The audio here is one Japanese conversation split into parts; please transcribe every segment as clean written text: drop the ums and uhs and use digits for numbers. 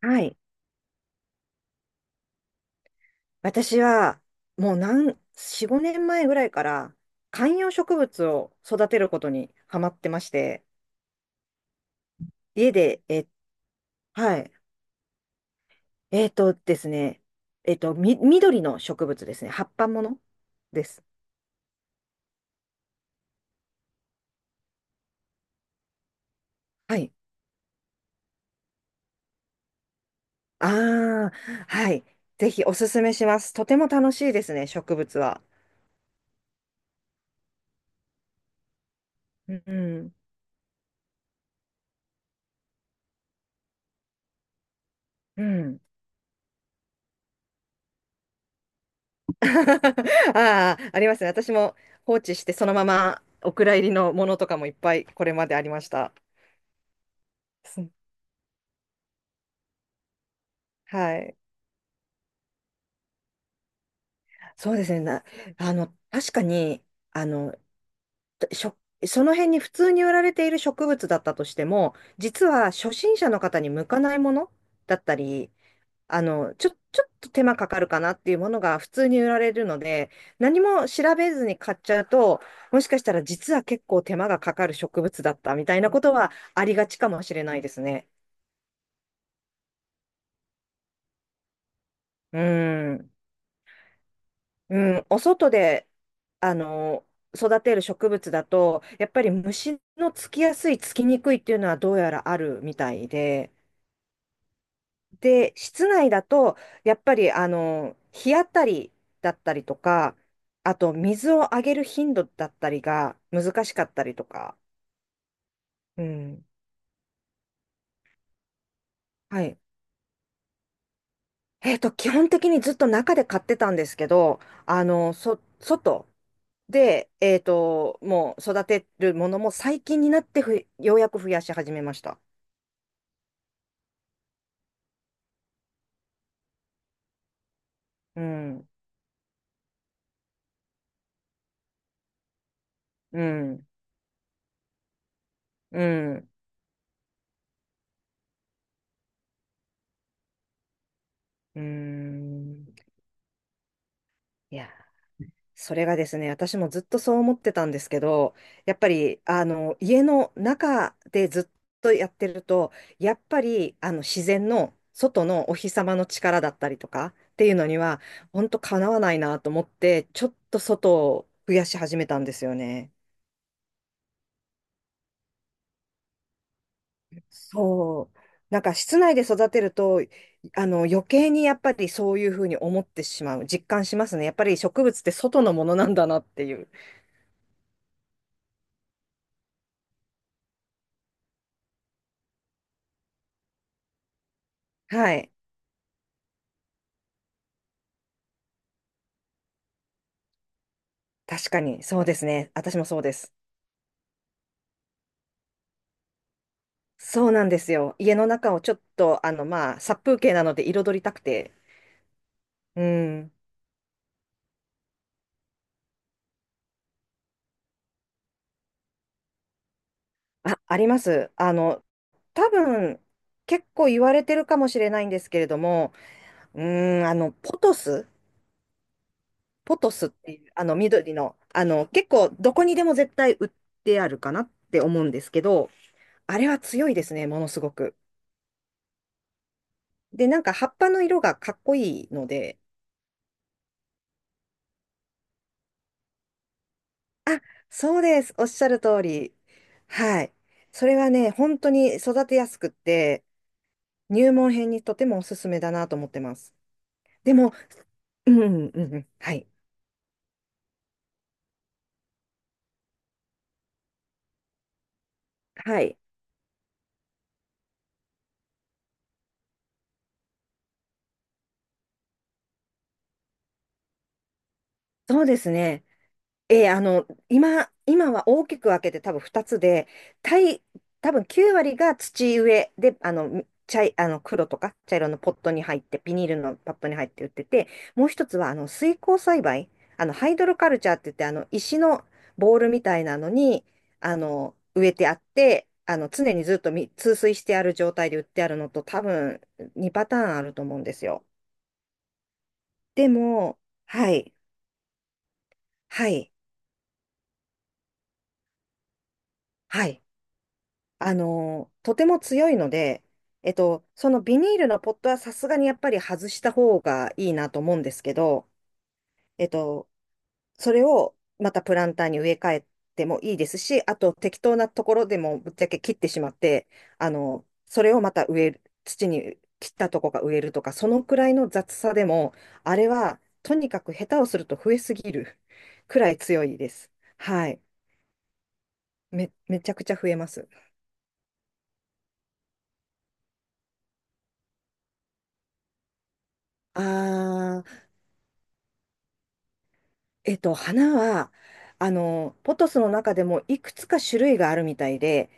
はい。私は、もう何、4、5年前ぐらいから、観葉植物を育てることにハマってまして、家で、はい。えっとですね、えっと、み、緑の植物ですね。葉っぱものです。はい。ああ、はい。ぜひおすすめします。とても楽しいですね、植物は。うん。うん。ああ、ありますね。私も放置して、そのままお蔵入りのものとかもいっぱいこれまでありました。はい。そうですね。な、あの、確かに、あの、しょ、その辺に普通に売られている植物だったとしても、実は初心者の方に向かないものだったり、ちょっと手間かかるかなっていうものが普通に売られるので、何も調べずに買っちゃうと、もしかしたら実は結構手間がかかる植物だったみたいなことはありがちかもしれないですね。うん。うん、お外で、あの、育てる植物だと、やっぱり虫のつきやすい、つきにくいっていうのはどうやらあるみたいで、で、室内だと、やっぱり、日当たりだったりとか、あと、水をあげる頻度だったりが難しかったりとか。うん、はい。基本的にずっと中で買ってたんですけど、外で、もう育てるものも最近になってようやく増やし始めました。うん、うん、うん、うん。いや、それがですね、私もずっとそう思ってたんですけど、やっぱり、家の中でずっとやってると、やっぱり、自然の外のお日様の力だったりとかっていうのには、本当かなわないなと思って、ちょっと外を増やし始めたんですよね。そう。なんか室内で育てると、余計にやっぱりそういうふうに思ってしまう、実感しますね。やっぱり植物って外のものなんだなっていう。はい。確かに、そうですね。私もそうです。そうなんですよ。家の中をちょっと、まあ、殺風景なので彩りたくて。うん。あ、あります。多分、結構言われてるかもしれないんですけれども、うん、ポトス。ポトスっていう、緑の、結構、どこにでも絶対売ってあるかなって思うんですけど、あれは強いですね、ものすごく。で、なんか葉っぱの色がかっこいいので。あ、そうです、おっしゃる通り。はい。それはね、本当に育てやすくって、入門編にとてもおすすめだなと思ってます。でも、うん、うん、うんはい。はい。そうですね。ええ今は大きく分けて多分2つで、たい、多分9割が土植えで、あの、茶い、あの、黒とか茶色のポットに入って、ビニールのパットに入って売ってて、もう一つは、水耕栽培、ハイドロカルチャーって言って、石のボールみたいなのに、植えてあって、常にずっと通水してある状態で売ってあるのと、多分2パターンあると思うんですよ。でも、はい、はい、はい。とても強いので、そのビニールのポットはさすがにやっぱり外した方がいいなと思うんですけど、えっと、それをまたプランターに植え替えてもいいですし、あと適当なところでもぶっちゃけ切ってしまって、それをまた植える、土に切ったとこが植えるとか、そのくらいの雑さでも、あれはとにかく下手をすると増えすぎる くらい強いです。はい。めちゃくちゃ増えます。あー花は、ポトスの中でもいくつか種類があるみたいで、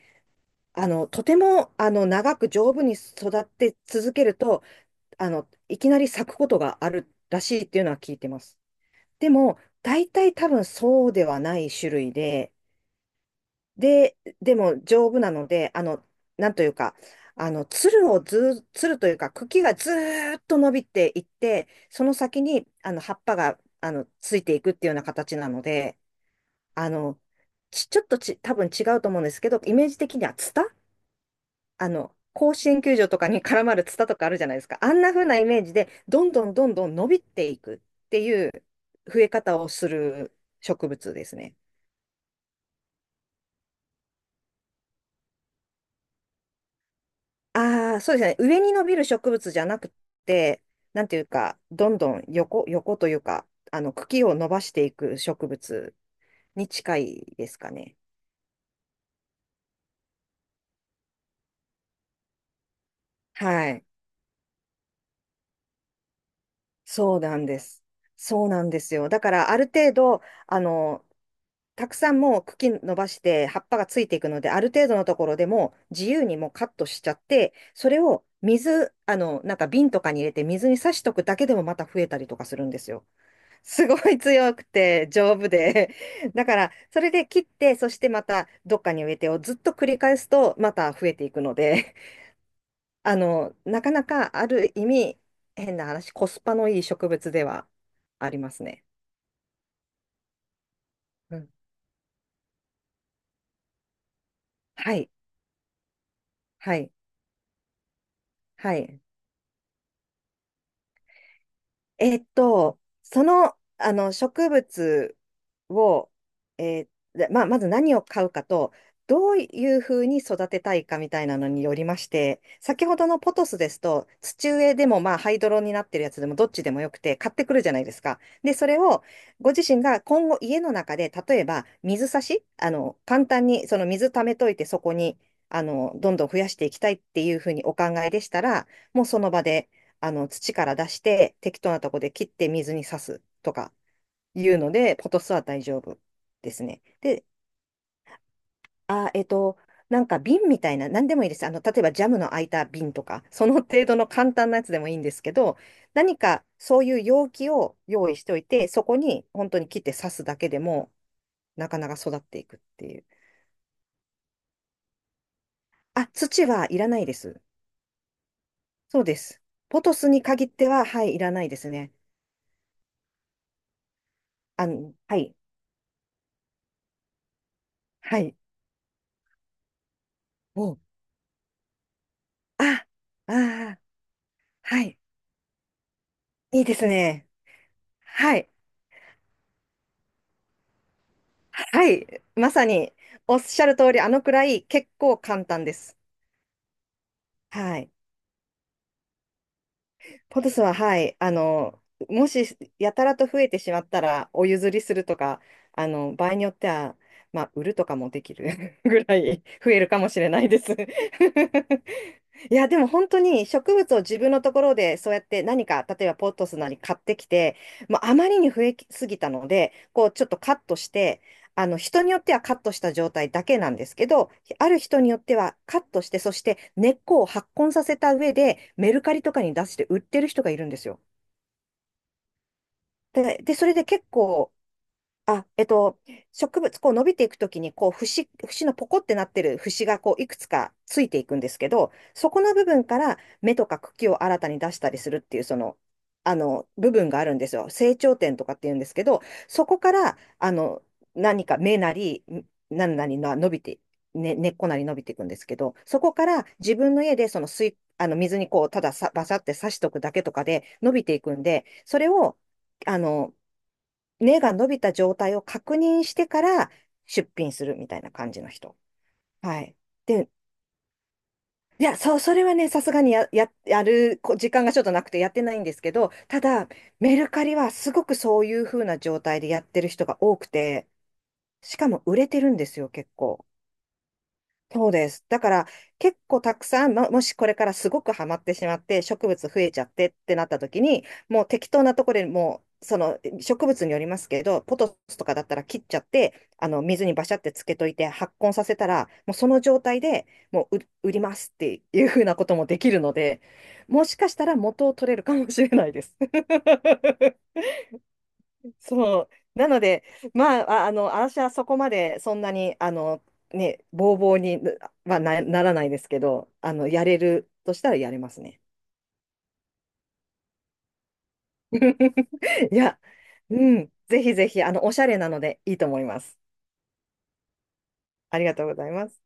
とても、長く丈夫に育って続けると、いきなり咲くことがあるらしいっていうのは聞いてます。でも、大体多分そうではない種類で、でも丈夫なので、なんというか、あの、つるをずー、つるというか、茎がずーっと伸びていって、その先に、葉っぱが、ついていくっていうような形なので、あの、ち、ちょっとち、多分違うと思うんですけど、イメージ的にはツタ。甲子園球場とかに絡まるツタとかあるじゃないですか。あんな風なイメージで、どんどんどんどん伸びていくっていう増え方をする植物ですね。ああ、そうですね。上に伸びる植物じゃなくて、なんていうか、どんどん横、横というか、茎を伸ばしていく植物に近いですかね。はい。そうなんです。そうなんですよ。だから、ある程度、あの、たくさんもう茎伸ばして葉っぱがついていくので、ある程度のところでもう自由にもうカットしちゃって、それを水、なんか瓶とかに入れて水に挿しとくだけでもまた増えたりとかするんですよ。すごい強くて丈夫で。だから、それで切って、そしてまたどっかに植えてをずっと繰り返すとまた増えていくので、なかなかある意味、変な話、コスパのいい植物ではありますね。うん。はい。はい。はい。えっと、植物を、えでまあ、まず何を買うかと、どういうふうに育てたいかみたいなのによりまして、先ほどのポトスですと、土植えでも、まあ、ハイドロになってるやつでもどっちでもよくて、買ってくるじゃないですか。で、それをご自身が今後家の中で、例えば水差し、簡単にその水溜めといて、そこにどんどん増やしていきたいっていうふうにお考えでしたら、もうその場で、土から出して、適当なとこで切って水に刺すとかいうので、ポトスは大丈夫ですね。で、あ、なんか瓶みたいな、何でもいいです。例えばジャムの空いた瓶とか、その程度の簡単なやつでもいいんですけど、何かそういう容器を用意しておいて、そこに本当に切って刺すだけでも、なかなか育っていくっていう。あ、土はいらないです。そうです。ポトスに限っては、はい、いらないですね。はい、はい。お、あ、ああ。はい。いいですね。はい。はい。まさに、おっしゃる通り、あのくらい結構簡単です。はい。ポトスは、はい。もし、やたらと増えてしまったら、お譲りするとか、場合によっては、まあ、売るとかもできる ぐらい増えるかもしれないです。 いや、でも本当に植物を自分のところでそうやって何か、例えばポットスなり買ってきて、もうあまりに増えすぎたので、こうちょっとカットして、あの人によってはカットした状態だけなんですけど、ある人によってはカットして、そして根っこを発根させた上でメルカリとかに出して売ってる人がいるんですよ。で、それで結構、あ、えっと、植物、こう伸びていくときに、こう、節、節のポコってなってる節が、こう、いくつかついていくんですけど、そこの部分から芽とか茎を新たに出したりするっていう、部分があるんですよ。成長点とかっていうんですけど、そこから、何か芽なり、何々な伸びて、ね、根っこなり伸びていくんですけど、そこから自分の家で、その水、あの、水にこう、たださ、バサって刺しとくだけとかで伸びていくんで、それを、あの、根が伸びた状態を確認してから出品するみたいな感じの人。はい。で、いや、そう、それはね、さすがにや、や、やるこ時間がちょっとなくてやってないんですけど、ただ、メルカリはすごくそういう風な状態でやってる人が多くて、しかも売れてるんですよ、結構。そうです。だから結構たくさん、ももしこれからすごくハマってしまって植物増えちゃってってなった時に、もう適当なところで、もうその植物によりますけど、ポトスとかだったら切っちゃって、あの水にバシャってつけといて発根させたら、もうその状態でもう売売りますっていうふうなこともできるので、もしかしたら元を取れるかもしれないです。そう。なので、まあ、私はそこまでそんなに、ね、ボーボーにはならないですけど、やれるとしたらやれますね。いや、うん、ぜひぜひ、おしゃれなのでいいと思います。ありがとうございます。